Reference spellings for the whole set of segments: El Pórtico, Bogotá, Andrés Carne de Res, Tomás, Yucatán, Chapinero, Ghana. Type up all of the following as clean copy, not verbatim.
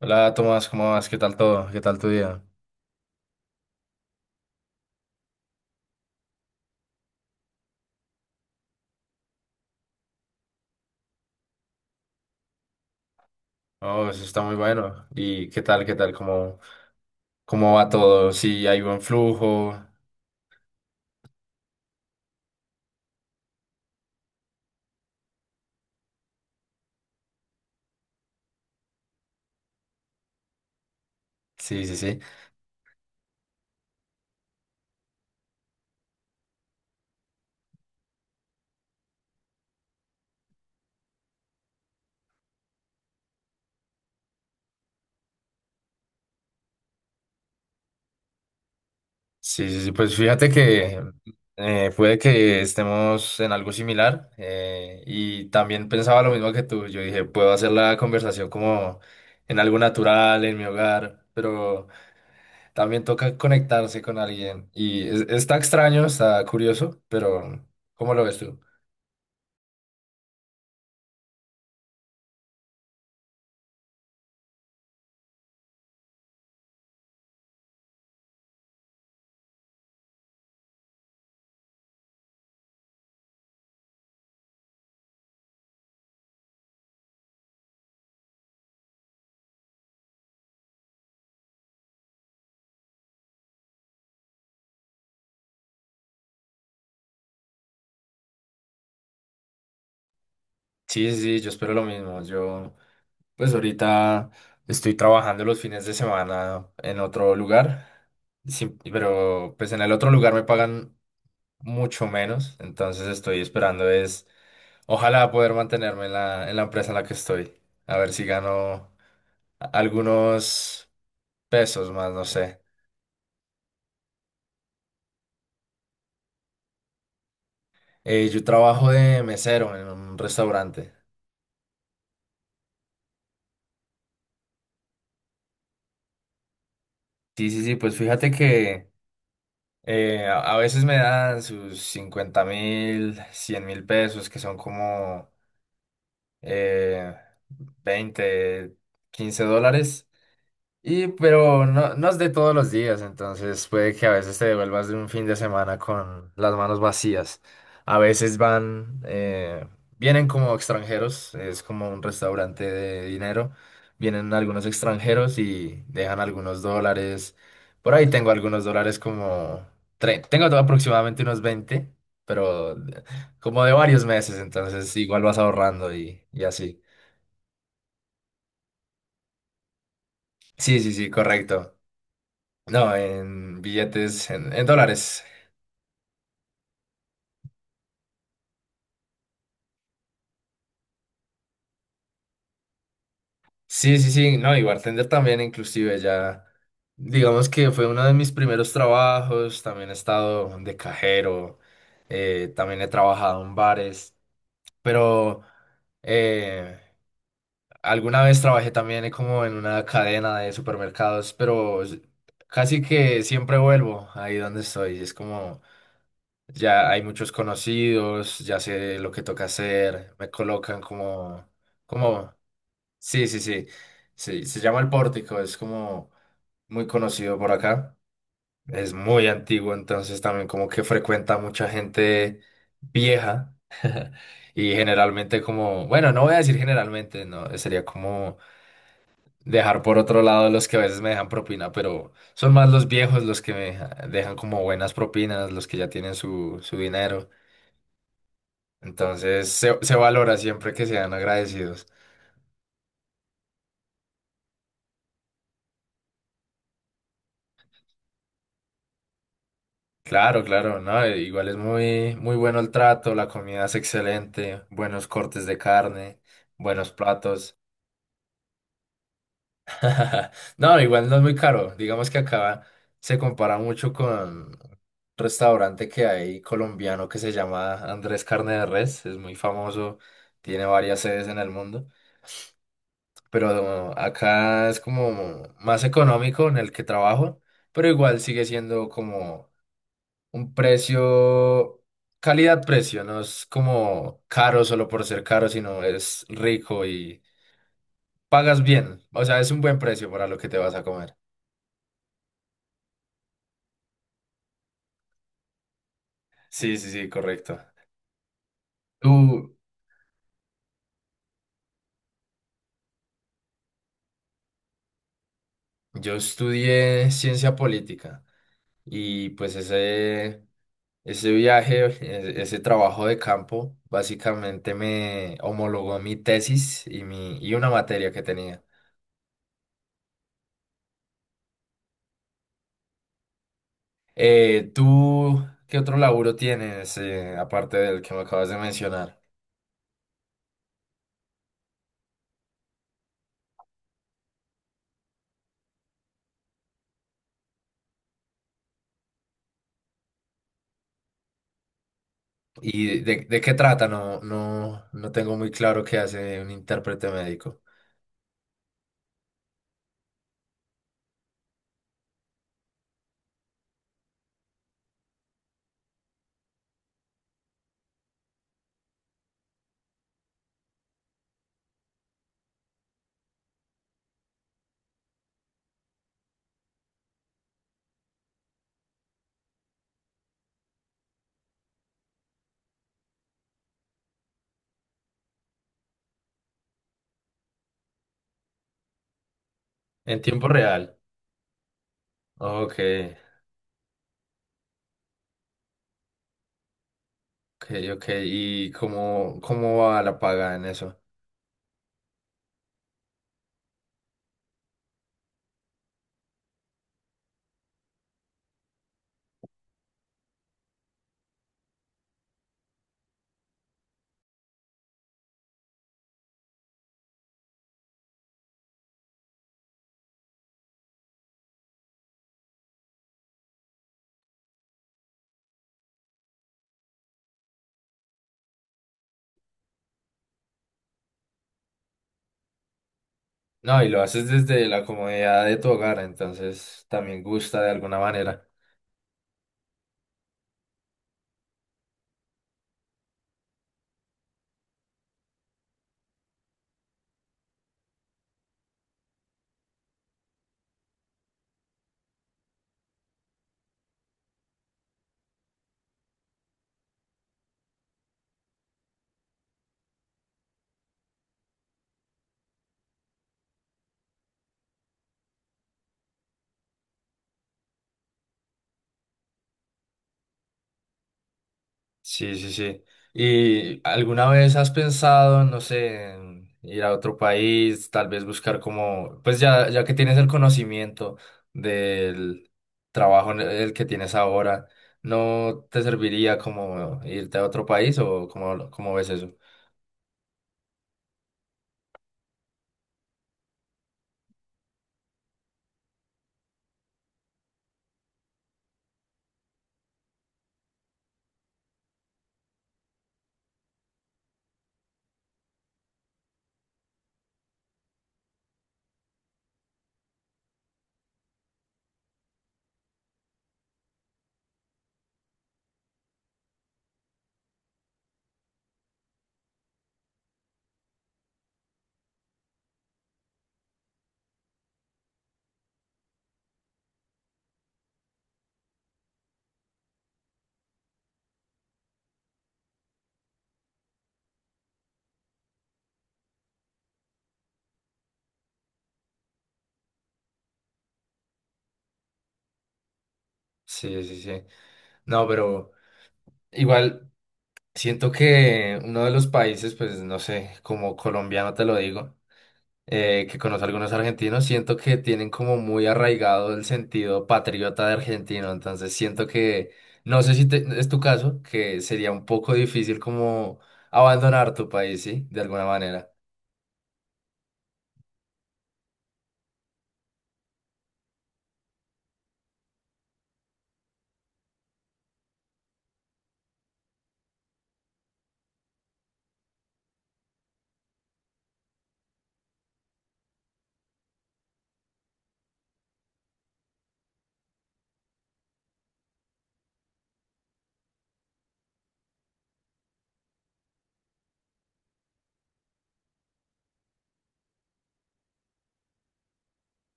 Hola Tomás, ¿cómo vas? ¿Qué tal todo? ¿Qué tal tu día? Oh, eso está muy bueno. ¿Y qué tal? ¿Qué tal? ¿Cómo va todo? ¿Sí hay buen flujo? Sí, sí, sí. Sí, sí, sí. Pues fíjate que puede que estemos en algo similar y también pensaba lo mismo que tú. Yo dije, puedo hacer la conversación como en algo natural, en mi hogar, pero también toca conectarse con alguien y está extraño, está curioso, pero ¿cómo lo ves tú? Sí, sí, sí, yo espero lo mismo. Yo, pues ahorita estoy trabajando los fines de semana en otro lugar, sí pero pues en el otro lugar me pagan mucho menos, entonces estoy esperando es, ojalá poder mantenerme en la empresa en la que estoy, a ver si gano algunos pesos más, no sé. Yo trabajo de mesero en un restaurante. Sí, sí, sí, pues fíjate que… a veces me dan sus 50.000, 100.000 pesos, que son como eh, 20, 15 dólares. Y pero no, no es de todos los días, entonces puede que a veces te devuelvas de un fin de semana con las manos vacías. A veces van, vienen como extranjeros, es como un restaurante de dinero. Vienen algunos extranjeros y dejan algunos dólares. Por ahí tengo algunos dólares como… Tengo aproximadamente unos 20 pero como de varios meses, entonces igual vas ahorrando y así. Sí, sí, sí, correcto. No, en billetes, en dólares. Sí, sí, sí, no, y bartender también, inclusive ya, digamos que fue uno de mis primeros trabajos, también he estado de cajero, también he trabajado en bares, pero eh, alguna vez trabajé también como en una cadena de supermercados, pero casi que siempre vuelvo ahí donde estoy, es como… Ya hay muchos conocidos, ya sé lo que toca hacer, me colocan como, Sí, sí, sí. Sí, se llama El Pórtico, es como muy conocido por acá. Es muy antiguo, entonces también como que frecuenta mucha gente vieja y generalmente como, bueno, no voy a decir generalmente, no, sería como dejar por otro lado los que a veces me dejan propina, pero son más los viejos los que me dejan como buenas propinas, los que ya tienen su dinero. Entonces se valora siempre que sean agradecidos. Claro, claro, no, igual es muy, muy bueno el trato, la comida es excelente, buenos cortes de carne, buenos platos. No, igual no es muy caro. Digamos que acá se compara mucho con un restaurante que hay colombiano que se llama Andrés Carne de Res, es muy famoso, tiene varias sedes en el mundo, pero acá es como más económico en el que trabajo, pero igual sigue siendo como un precio, calidad-precio, no es como caro solo por ser caro, sino es rico y pagas bien. O sea, es un buen precio para lo que te vas a comer. Sí, sí, sí, correcto. Tú, yo estudié ciencia política y pues ese viaje, ese trabajo de campo, básicamente me homologó mi tesis y, mi, y una materia que tenía. ¿Tú qué otro laburo tienes, aparte del que me acabas de mencionar? ¿Y de qué trata? No, no, no tengo muy claro qué hace un intérprete médico. En tiempo real. Ok, ok, ok. ¿Y cómo va la paga en eso? No, y lo haces desde la comodidad de tu hogar, entonces también gusta de alguna manera. Sí, sí, sí. ¿Y alguna vez has pensado, no sé, en ir a otro país, tal vez buscar como, pues ya, ya que tienes el conocimiento del trabajo en el que tienes ahora, ¿no te serviría como irte a otro país o cómo, cómo ves eso? Sí, sí, sí. No, pero igual siento que uno de los países, pues no sé, como colombiano te lo digo. Eh, que conozco algunos argentinos, siento que tienen como muy arraigado el sentido patriota de argentino, entonces siento que, no sé si es tu caso, que sería un poco difícil como abandonar tu país, ¿sí? De alguna manera.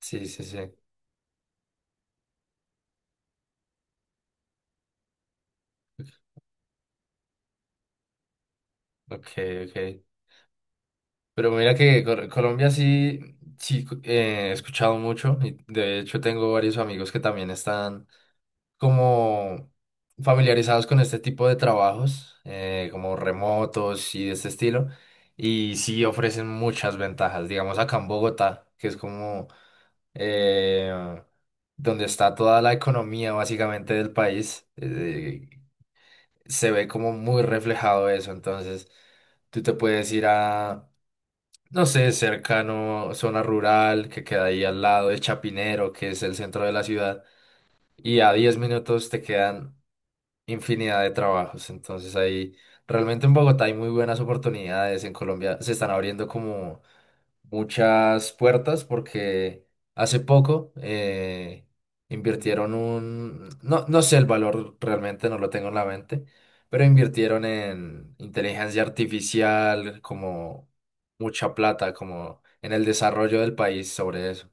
Sí, sí, sí. Ok, ok. Pero mira que Colombia sí, sí, he escuchado mucho y de hecho tengo varios amigos que también están como familiarizados con este tipo de trabajos, como remotos y de este estilo, y sí ofrecen muchas ventajas. Digamos acá en Bogotá, que es como eh, donde está toda la economía básicamente del país, se ve como muy reflejado eso. Entonces, tú te puedes ir a… No sé, cercano, zona rural que queda ahí al lado de Chapinero, que es el centro de la ciudad, y a 10 minutos te quedan infinidad de trabajos. Entonces ahí realmente en Bogotá hay muy buenas oportunidades. En Colombia se están abriendo como muchas puertas porque hace poco invirtieron un, no, no sé el valor realmente, no lo tengo en la mente, pero invirtieron en inteligencia artificial como mucha plata, como en el desarrollo del país sobre eso.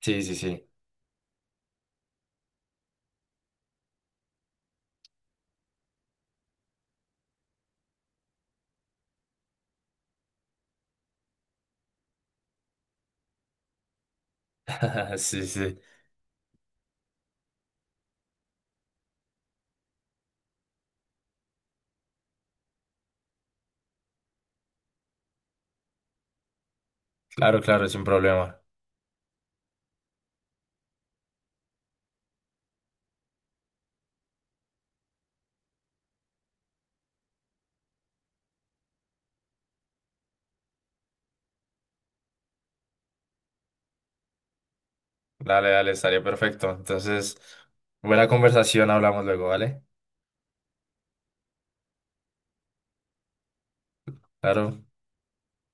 Sí, sí, sí. Sí, sí. Claro, claro, es un problema. Dale, dale, estaría perfecto. Entonces, buena conversación, hablamos luego, ¿vale? Claro.